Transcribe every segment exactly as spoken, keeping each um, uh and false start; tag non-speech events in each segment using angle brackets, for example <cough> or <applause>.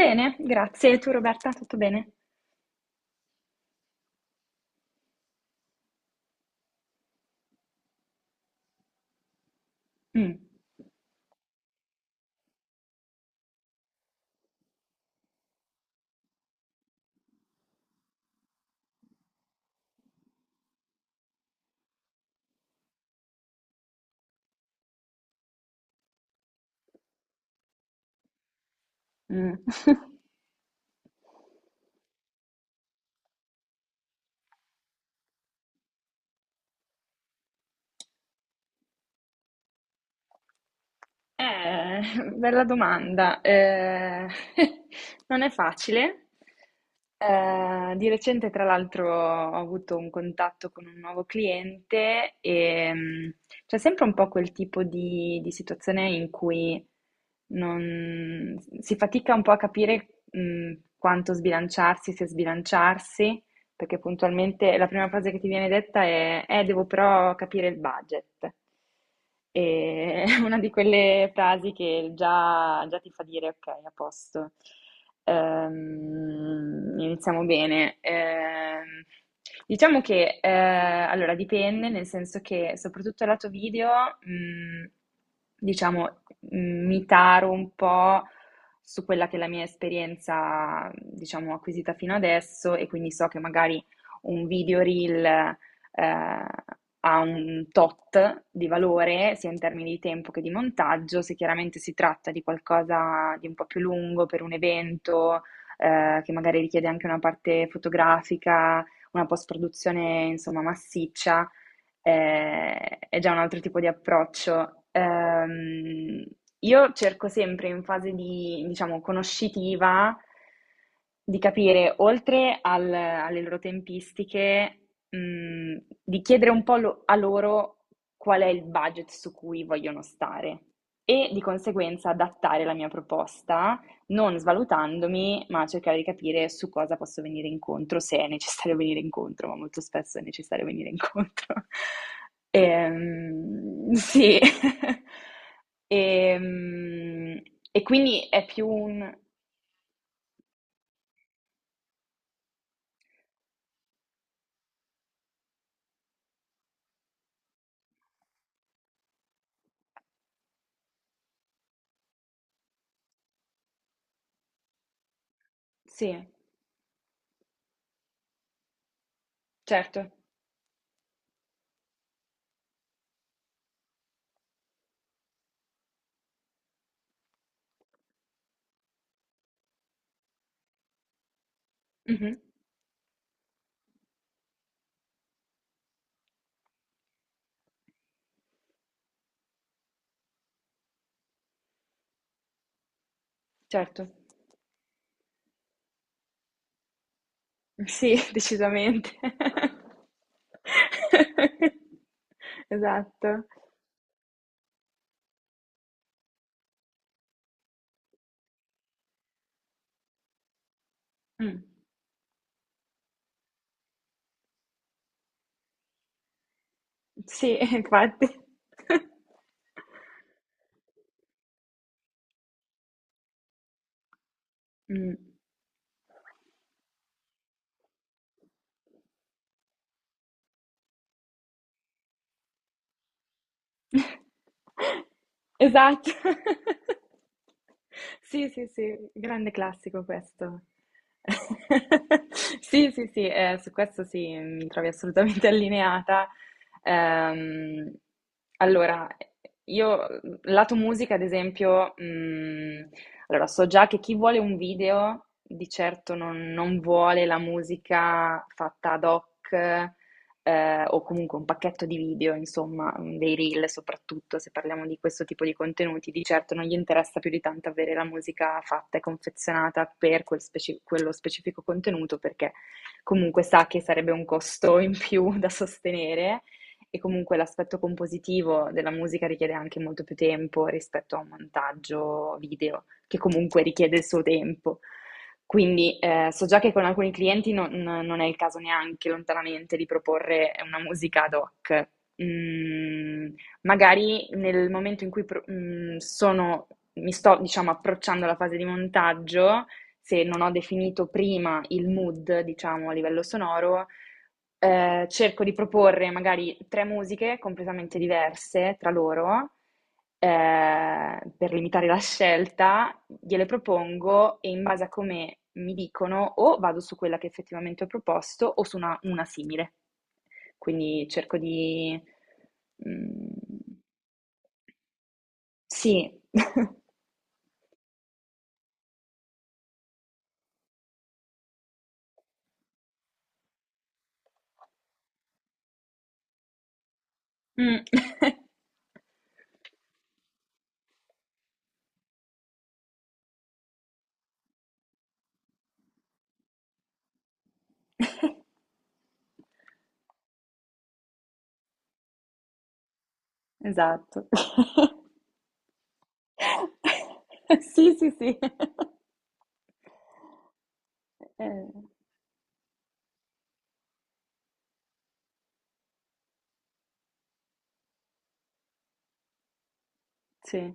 Bene, grazie. E tu Roberta, tutto bene? Mm, mm. <laughs> Eh, bella domanda. Eh, <laughs> non è facile. Eh, di recente, tra l'altro, ho avuto un contatto con un nuovo cliente e mm, c'è sempre un po' quel tipo di, di situazione in cui non- si fatica un po' a capire, mm, quanto sbilanciarsi, se sbilanciarsi. Perché puntualmente la prima frase che ti viene detta è: Eh, devo però capire il budget. E <laughs> è una di quelle frasi che già, già ti fa dire: Ok, a posto. Ehm, iniziamo bene. Ehm, diciamo che eh, allora dipende, nel senso che soprattutto lato video, mh, diciamo, mh, mi taro un po' su quella che è la mia esperienza, diciamo, acquisita fino adesso, e quindi so che magari un video reel eh, ha un tot di valore, sia in termini di tempo che di montaggio, se chiaramente si tratta di qualcosa di un po' più lungo per un evento, eh, che magari richiede anche una parte fotografica, una post-produzione, insomma, massiccia, è, è già un altro tipo di approccio. Ehm, io cerco sempre in fase di, diciamo, conoscitiva di capire, oltre al- alle loro tempistiche, mh, di chiedere un po' lo- a loro qual è il budget su cui vogliono stare e di conseguenza adattare la mia proposta non svalutandomi, ma cercare di capire su cosa posso venire incontro, se è necessario <laughs> venire incontro, ma molto spesso è necessario venire incontro. <laughs> Ehm, sì. <laughs> Ehm, e quindi è più un. Sì, certo. Mhm, certo. Sì, <laughs> decisamente. <laughs> Esatto. Mm. Sì, <laughs> infatti. <laughs> Mm. Esatto. <laughs> Sì, sì, sì, grande classico questo. <laughs> Sì, sì, sì, eh, su questo sì, mi trovi assolutamente <laughs> allineata. Ehm, allora, io, lato musica, ad esempio, mh, allora so già che chi vuole un video di certo non, non vuole la musica fatta ad hoc, eh, o comunque un pacchetto di video, insomma, mh, dei reel soprattutto, se parliamo di questo tipo di contenuti, di certo non gli interessa più di tanto avere la musica fatta e confezionata per quel speci- quello specifico contenuto, perché comunque sa che sarebbe un costo <laughs> in più da sostenere. E comunque l'aspetto compositivo della musica richiede anche molto più tempo rispetto a un montaggio video, che comunque richiede il suo tempo. Quindi, ehm, so già che con alcuni clienti non non è il caso neanche lontanamente di proporre una musica ad hoc. Mhmm, magari nel momento in cui pro mhmm, sono mi sto, diciamo, approcciando alla fase di montaggio, se non ho definito prima il mood, diciamo, a livello sonoro, ehm, cerco di proporre magari tre musiche completamente diverse tra loro, eh, per limitare la scelta, gliele propongo e in base a come mi dicono o vado su quella che effettivamente ho proposto o su una, una simile. Quindi cerco di. Mm, sì. <laughs> Mm. <laughs> Esatto. <laughs> Sì, sì, sì. <laughs> Eh, sì.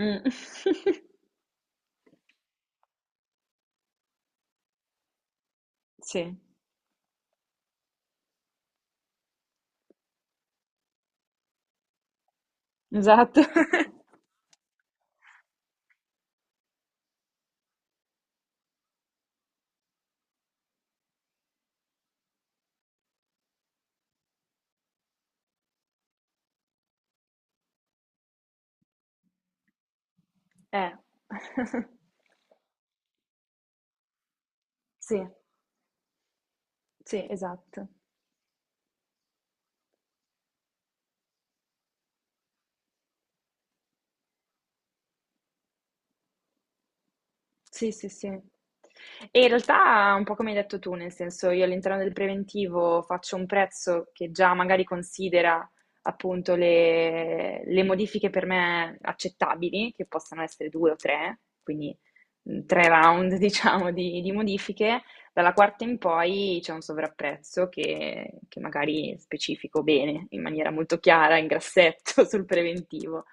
Mm. <laughs> Sì, esatto. <laughs> Eh. <laughs> Sì. Sì, esatto. Sì, sì, sì. E in realtà un po' come hai detto tu, nel senso io all'interno del preventivo faccio un prezzo che già magari considera appunto le, le modifiche per me accettabili, che possano essere due o tre, quindi mh, tre round <laughs> diciamo di, di modifiche, dalla quarta in poi c'è un sovrapprezzo che, che magari specifico bene, in maniera molto chiara, in grassetto <laughs> sul preventivo.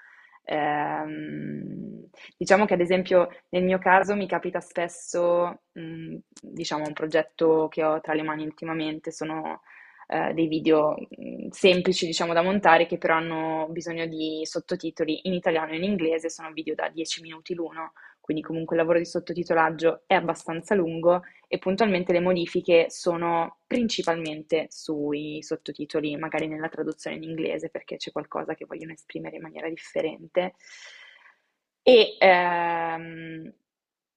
Ehm, diciamo che ad esempio nel mio caso mi capita spesso, mhmm, diciamo un progetto che ho tra le mani ultimamente sono, ehm, dei video, mhmm, semplici diciamo da montare che però hanno bisogno di sottotitoli in italiano e in inglese, sono video da dieci minuti l'uno, quindi comunque il lavoro di sottotitolaggio è abbastanza lungo, e puntualmente le modifiche sono principalmente sui sottotitoli, magari nella traduzione in inglese perché c'è qualcosa che vogliono esprimere in maniera differente. E ehm,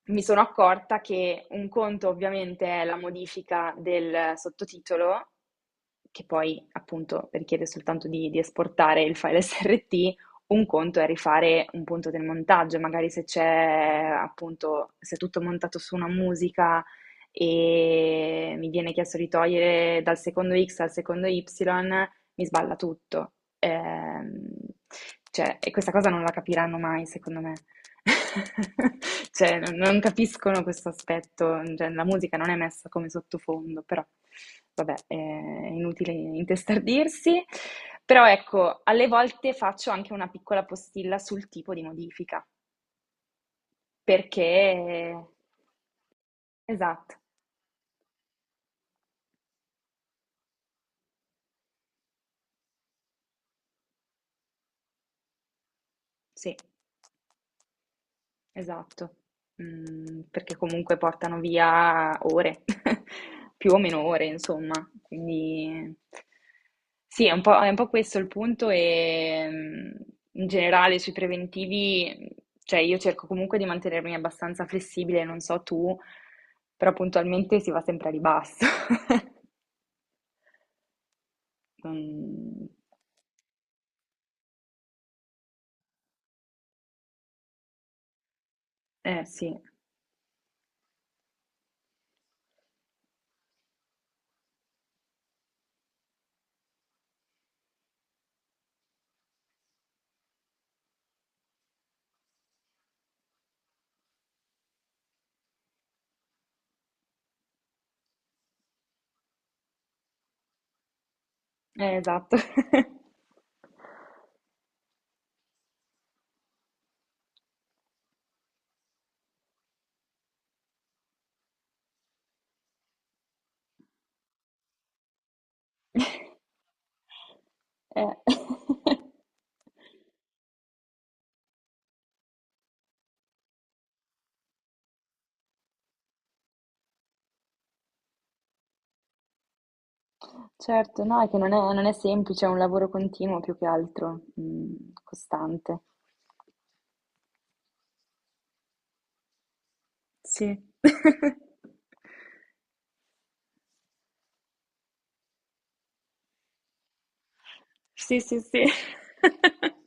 mi sono accorta che un conto ovviamente è la modifica del sottotitolo che poi appunto richiede soltanto di di esportare il file S R T, un conto è rifare un punto del montaggio, magari se c'è appunto se è tutto montato su una musica e mi viene chiesto di togliere dal secondo X al secondo Y, mi sballa tutto. Ehm, cioè, e questa cosa non la capiranno mai, secondo me. <laughs> Cioè, non non capiscono questo aspetto, cioè, la musica non è messa come sottofondo, però vabbè, è inutile intestardirsi. Però ecco, alle volte faccio anche una piccola postilla sul tipo di modifica, perché. Esatto, sì. Esatto, mhmm, perché comunque portano via ore, <laughs> più o meno ore insomma, quindi sì, è un po' è un po' questo il punto, ehm, in generale sui preventivi, mhmm, cioè io cerco comunque di mantenermi abbastanza flessibile, non so tu, però puntualmente si va sempre a ribasso. <laughs> Non eh sì, eh esatto. <laughs> Eh. <laughs> Certo, no, è che non è non è semplice, è un lavoro continuo più che altro, mhmm, costante. Sì. <laughs> Sì, sì, sì. <laughs>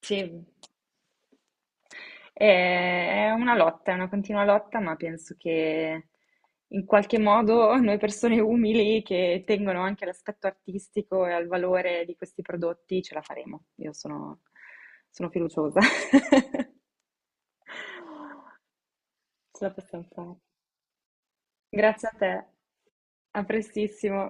Sì. È è una lotta, è una continua lotta, ma penso che in qualche modo noi persone umili che tengono anche all'aspetto artistico e al valore di questi prodotti ce la faremo. Io sono sono fiduciosa. <laughs> Ce la possiam fare. Grazie a te. A prestissimo.